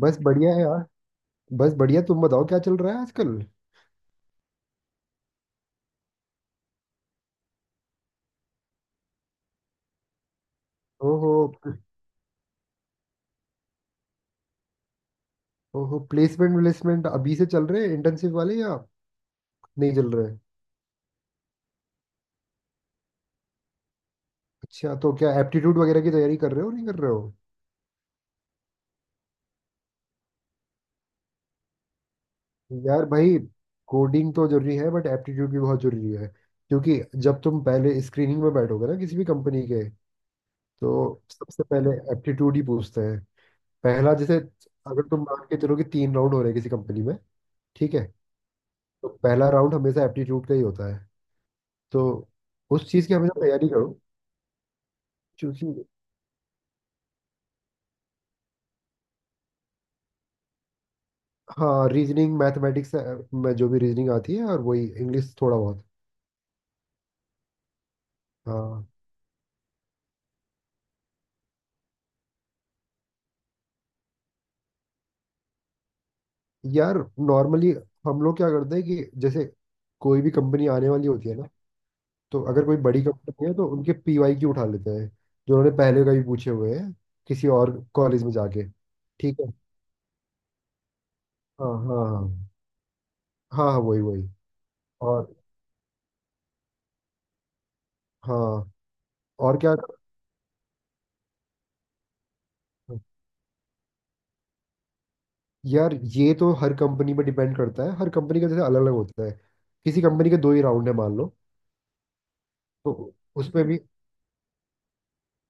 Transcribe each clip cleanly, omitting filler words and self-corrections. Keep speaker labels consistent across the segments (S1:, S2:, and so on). S1: बस बढ़िया है यार। बस बढ़िया, तुम बताओ क्या चल रहा है आजकल। ओहो। ओहो, प्लेसमेंट प्लेसमेंट अभी से चल रहे हैं इंटर्नशिप वाले या नहीं चल रहे? अच्छा, तो क्या एप्टीट्यूड वगैरह की तैयारी कर रहे हो नहीं कर रहे हो? यार भाई, कोडिंग तो जरूरी है बट एप्टीट्यूड भी बहुत जरूरी है। क्योंकि जब तुम पहले स्क्रीनिंग में बैठोगे ना किसी भी कंपनी के, तो सबसे पहले एप्टीट्यूड ही पूछते हैं। पहला, जैसे अगर तुम मान के चलो कि 3 राउंड हो रहे हैं किसी कंपनी में, ठीक है, तो पहला राउंड हमेशा एप्टीट्यूड का ही होता है। तो उस चीज़ की हमेशा तैयारी करो। क्योंकि हाँ, रीजनिंग, मैथमेटिक्स में जो भी रीजनिंग आती है, और वही इंग्लिश थोड़ा बहुत। हाँ। यार नॉर्मली हम लोग क्या करते हैं कि जैसे कोई भी कंपनी आने वाली होती है ना, तो अगर कोई बड़ी कंपनी है तो उनके पीवाई क्यू उठा लेते हैं, जो उन्होंने पहले कभी पूछे हुए हैं किसी और कॉलेज में जाके। ठीक है। हाँ हाँ हाँ। हाँ हाँ, वही वही। और। हाँ, और क्या। यार ये तो हर कंपनी पे डिपेंड करता है, हर कंपनी का जैसे अलग अलग होता है। किसी कंपनी के दो ही राउंड है मान लो, तो उसमें भी,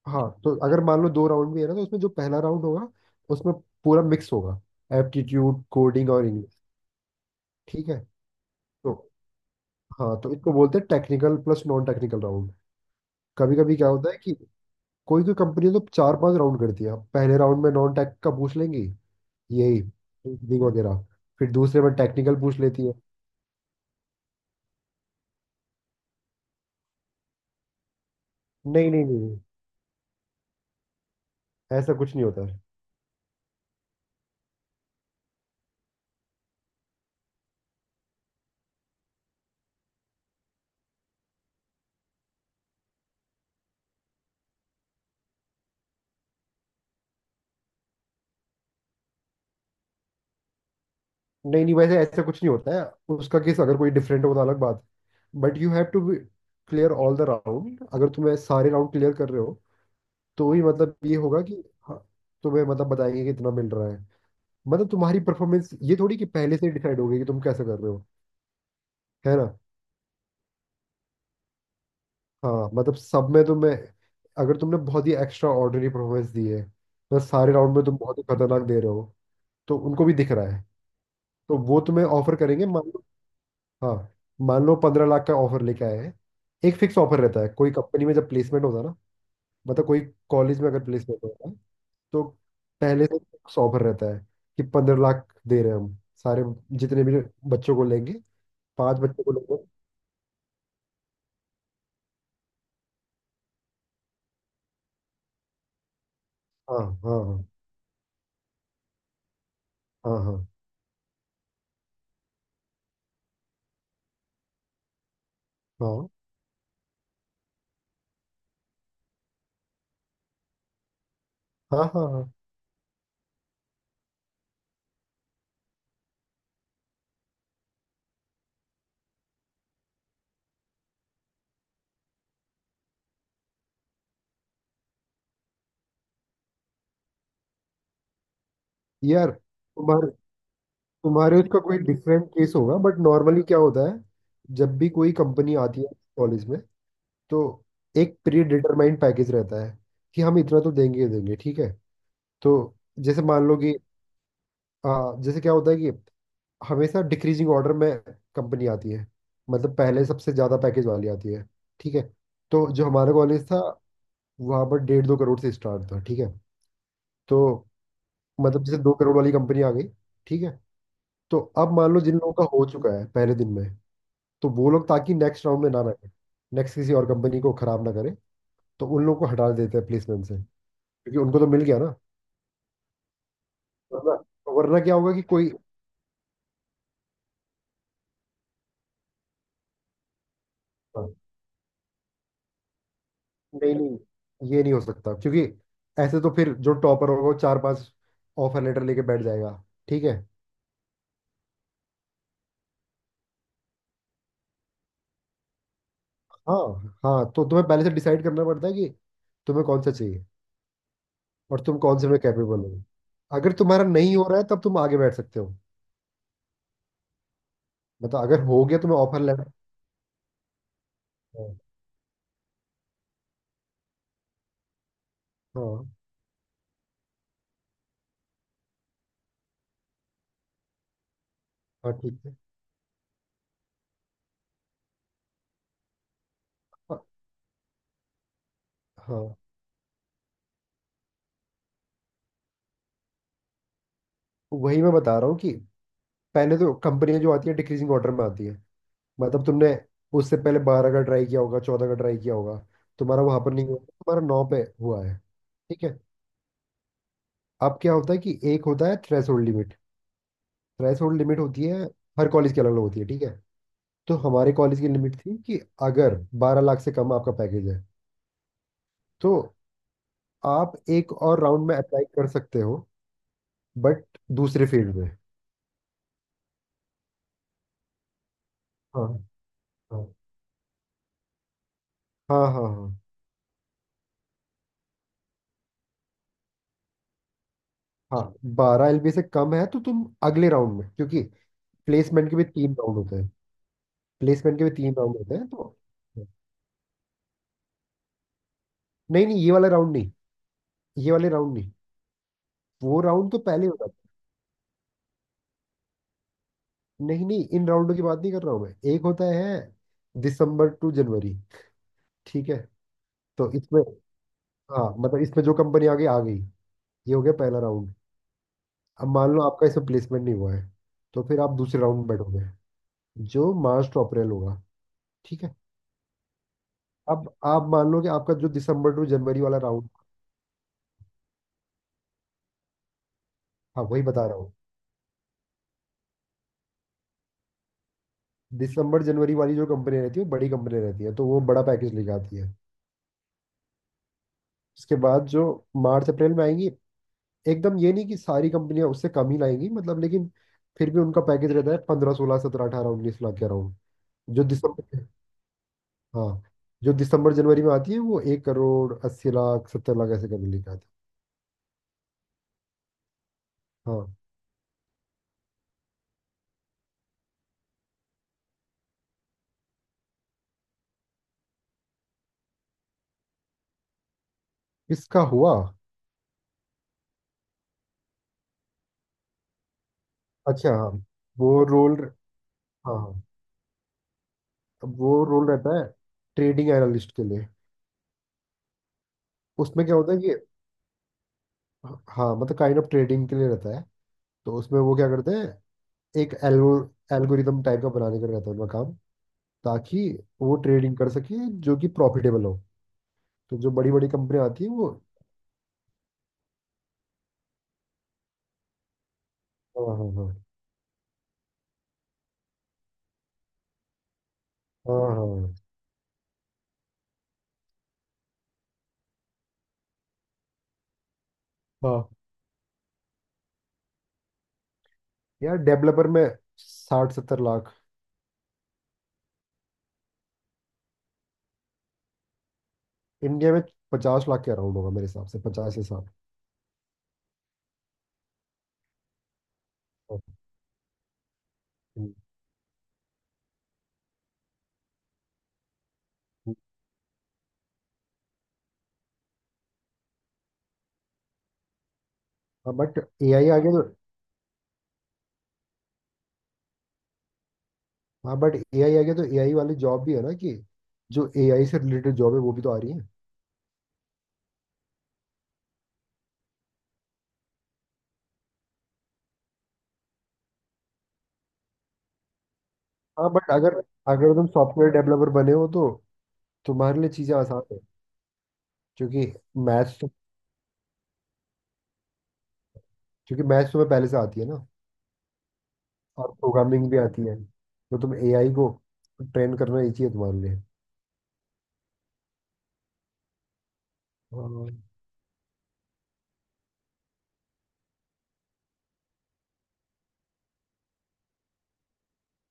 S1: हाँ तो अगर मान लो दो राउंड भी है ना, तो उसमें जो पहला राउंड होगा, उसमें पूरा मिक्स होगा, एप्टीट्यूड, कोडिंग और इंग्लिश। ठीक है, तो हाँ, तो इसको बोलते हैं technical plus non technical round. कभी कभी क्या होता है कि कोई कोई कंपनी तो चार पांच राउंड करती है, पहले राउंड में नॉन टेक का पूछ लेंगी, यही coding वगैरह, फिर दूसरे में टेक्निकल पूछ लेती है। नहीं नहीं नहीं नहीं, ऐसा कुछ नहीं होता है। नहीं नहीं, वैसे ऐसा कुछ नहीं होता है। उसका केस अगर कोई डिफरेंट हो तो अलग बात, but you have to clear all the round. अगर तुम्हें सारे राउंड क्लियर कर रहे हो, तो ही मतलब ये होगा कि, हाँ, तुम्हें मतलब बताएंगे कि इतना मिल रहा है। मतलब तुम्हारी परफॉर्मेंस, ये थोड़ी कि पहले से डिसाइड हो गई कि तुम कैसे कर रहे हो। है ना। हाँ मतलब सब में तुम्हें, अगर तुमने बहुत ही एक्स्ट्रा ऑर्डिनरी परफॉर्मेंस दी है, तो सारे राउंड में तुम बहुत ही खतरनाक दे रहे हो, तो उनको भी दिख रहा है, तो वो तुम्हें ऑफर करेंगे, मान लो। हाँ, मान लो 15 लाख का ऑफर लेके आए हैं। एक फिक्स ऑफर रहता है कोई कंपनी में जब प्लेसमेंट होता है ना। मतलब कोई कॉलेज में अगर प्लेसमेंट होता है, तो पहले से फिक्स ऑफर रहता है कि पंद्रह लाख दे रहे हैं हम, सारे जितने भी बच्चों को लेंगे, पांच बच्चों को लेंगे। हाँ हाँ हाँ हाँ। हाँ हाँ हाँ हाँ। यार तुम्हारे तुम्हारे उसका कोई डिफरेंट केस होगा, बट नॉर्मली क्या होता है, जब भी कोई कंपनी आती है कॉलेज में, तो एक प्री डिटरमाइंड पैकेज रहता है कि हम इतना तो देंगे ही देंगे। ठीक है, तो जैसे मान लो कि जैसे क्या होता है कि हमेशा डिक्रीजिंग ऑर्डर में कंपनी आती है। मतलब पहले सबसे ज़्यादा पैकेज वाली आती है। ठीक है, तो जो हमारा कॉलेज था, वहाँ पर 1.5-2 करोड़ से स्टार्ट था। ठीक है, तो मतलब जैसे 2 करोड़ वाली कंपनी आ गई। ठीक है, तो अब मान लो जिन लोगों का हो चुका है पहले दिन में, तो वो लोग, ताकि नेक्स्ट राउंड में ना बैठे, नेक्स्ट किसी और कंपनी को खराब ना करे, तो उन लोगों को हटा देते हैं प्लेसमेंट से। क्योंकि उनको तो मिल गया ना, वरना वरना क्या होगा कि कोई, हाँ, नहीं नहीं, ये नहीं हो सकता क्योंकि ऐसे तो फिर जो टॉपर होगा वो चार पांच ऑफर लेटर लेके बैठ जाएगा। ठीक है। हाँ, हाँ तो तुम्हें पहले से डिसाइड करना पड़ता है कि तुम्हें कौन सा चाहिए और तुम कौन से में कैपेबल हो। अगर तुम्हारा नहीं हो रहा है तब तुम आगे बैठ सकते हो। मतलब अगर हो गया तुम्हें ऑफर लेटर। हाँ हाँ। हाँ, ठीक है। हाँ हाँ, वही मैं बता रहा हूँ कि पहले तो कंपनियां जो आती है डिक्रीजिंग ऑर्डर में आती है। मतलब तुमने उससे पहले 12 का ट्राई किया होगा, 14 का ट्राई किया होगा, तुम्हारा वहां पर नहीं हुआ, तुम्हारा नौ पे हुआ है। ठीक है। अब क्या होता है कि एक होता है थ्रेशोल्ड लिमिट। थ्रेशोल्ड लिमिट होती है, हर कॉलेज की अलग अलग होती है। ठीक है, तो हमारे कॉलेज की लिमिट थी कि अगर 12 लाख से कम आपका पैकेज है, तो आप एक और राउंड में अप्लाई कर सकते हो, बट दूसरे फील्ड में। हाँ हाँ हाँ हाँ। हाँ हाँ, 12 LPA से कम है तो तुम अगले राउंड में, क्योंकि प्लेसमेंट के भी 3 राउंड होते हैं। प्लेसमेंट के भी तीन राउंड होते हैं, तो नहीं नहीं, ये वाला राउंड नहीं, ये वाले राउंड नहीं, वो राउंड तो पहले होता है। नहीं नहीं, इन राउंडों की बात नहीं कर रहा हूँ मैं। एक होता है दिसंबर टू जनवरी, ठीक है, तो इसमें, हाँ मतलब इसमें जो कंपनी आ गई आ गई, ये हो गया पहला राउंड। अब मान लो आपका इसमें प्लेसमेंट नहीं हुआ है, तो फिर आप दूसरे राउंड में बैठोगे, जो मार्च टू अप्रैल होगा। ठीक है। अब आप मान लो कि आपका जो दिसंबर टू जनवरी वाला राउंड, हाँ वही बता रहा हूँ, दिसंबर जनवरी वाली जो कंपनी रहती है वो बड़ी कंपनी रहती है, तो वो बड़ा पैकेज लेके आती है। उसके बाद जो मार्च अप्रैल में आएंगी, एकदम ये नहीं कि सारी कंपनियां उससे कम ही लाएंगी मतलब, लेकिन फिर भी उनका पैकेज रहता है 15-19 लाख के अराउंड। जो दिसंबर, हाँ, जो दिसंबर जनवरी में आती है वो 1 करोड़ 80 लाख, 70 लाख ऐसे करके लेके आती है। हाँ। इसका हुआ। अच्छा हाँ, वो रोल। हाँ हाँ, वो रोल रहता है ट्रेडिंग एनालिस्ट के लिए। उसमें क्या होता है कि, हाँ मतलब काइंड ऑफ ट्रेडिंग के लिए रहता है, तो उसमें वो क्या करते हैं, एक एल्गो, एल्गोरिदम टाइप का बनाने का रहता है उनका काम, ताकि वो ट्रेडिंग कर सके जो कि प्रॉफिटेबल हो। तो जो बड़ी बड़ी कंपनियां आती है वो, हाँ हाँ हाँ। हाँ हाँ हाँ। यार डेवलपर में 60-70 लाख। इंडिया में 50 लाख के अराउंड होगा मेरे हिसाब से, 50 से 60। हाँ बट ए आई आ गया तो, हाँ बट ए आई आ गया तो ए आई वाली जॉब भी है ना, कि जो ए आई से रिलेटेड जॉब है वो भी तो आ रही है। हाँ बट अगर अगर तुम सॉफ्टवेयर डेवलपर बने हो तो तुम्हारे लिए चीज़ें आसान है। क्योंकि मैथ्स तो क्योंकि मैथ्स तुम्हें पहले से आती है ना, और प्रोग्रामिंग भी आती है, तो तुम एआई को ट्रेन करना ही चाहिए तुम्हारे लिए। हाँ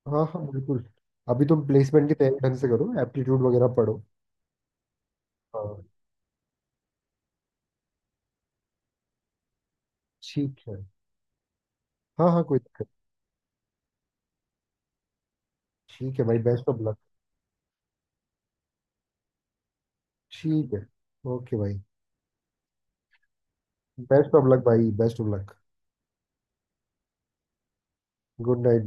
S1: हाँ। हाँ, बिल्कुल। अभी तुम प्लेसमेंट की तैयारी ढंग से करो, एप्टीट्यूड वगैरह पढ़ो। हाँ, ठीक है। हाँ हाँ, कोई दिक्कत नहीं। ठीक है भाई, बेस्ट ऑफ लक। ठीक है। ओके भाई, बेस्ट ऑफ लक भाई, best of luck. Good night.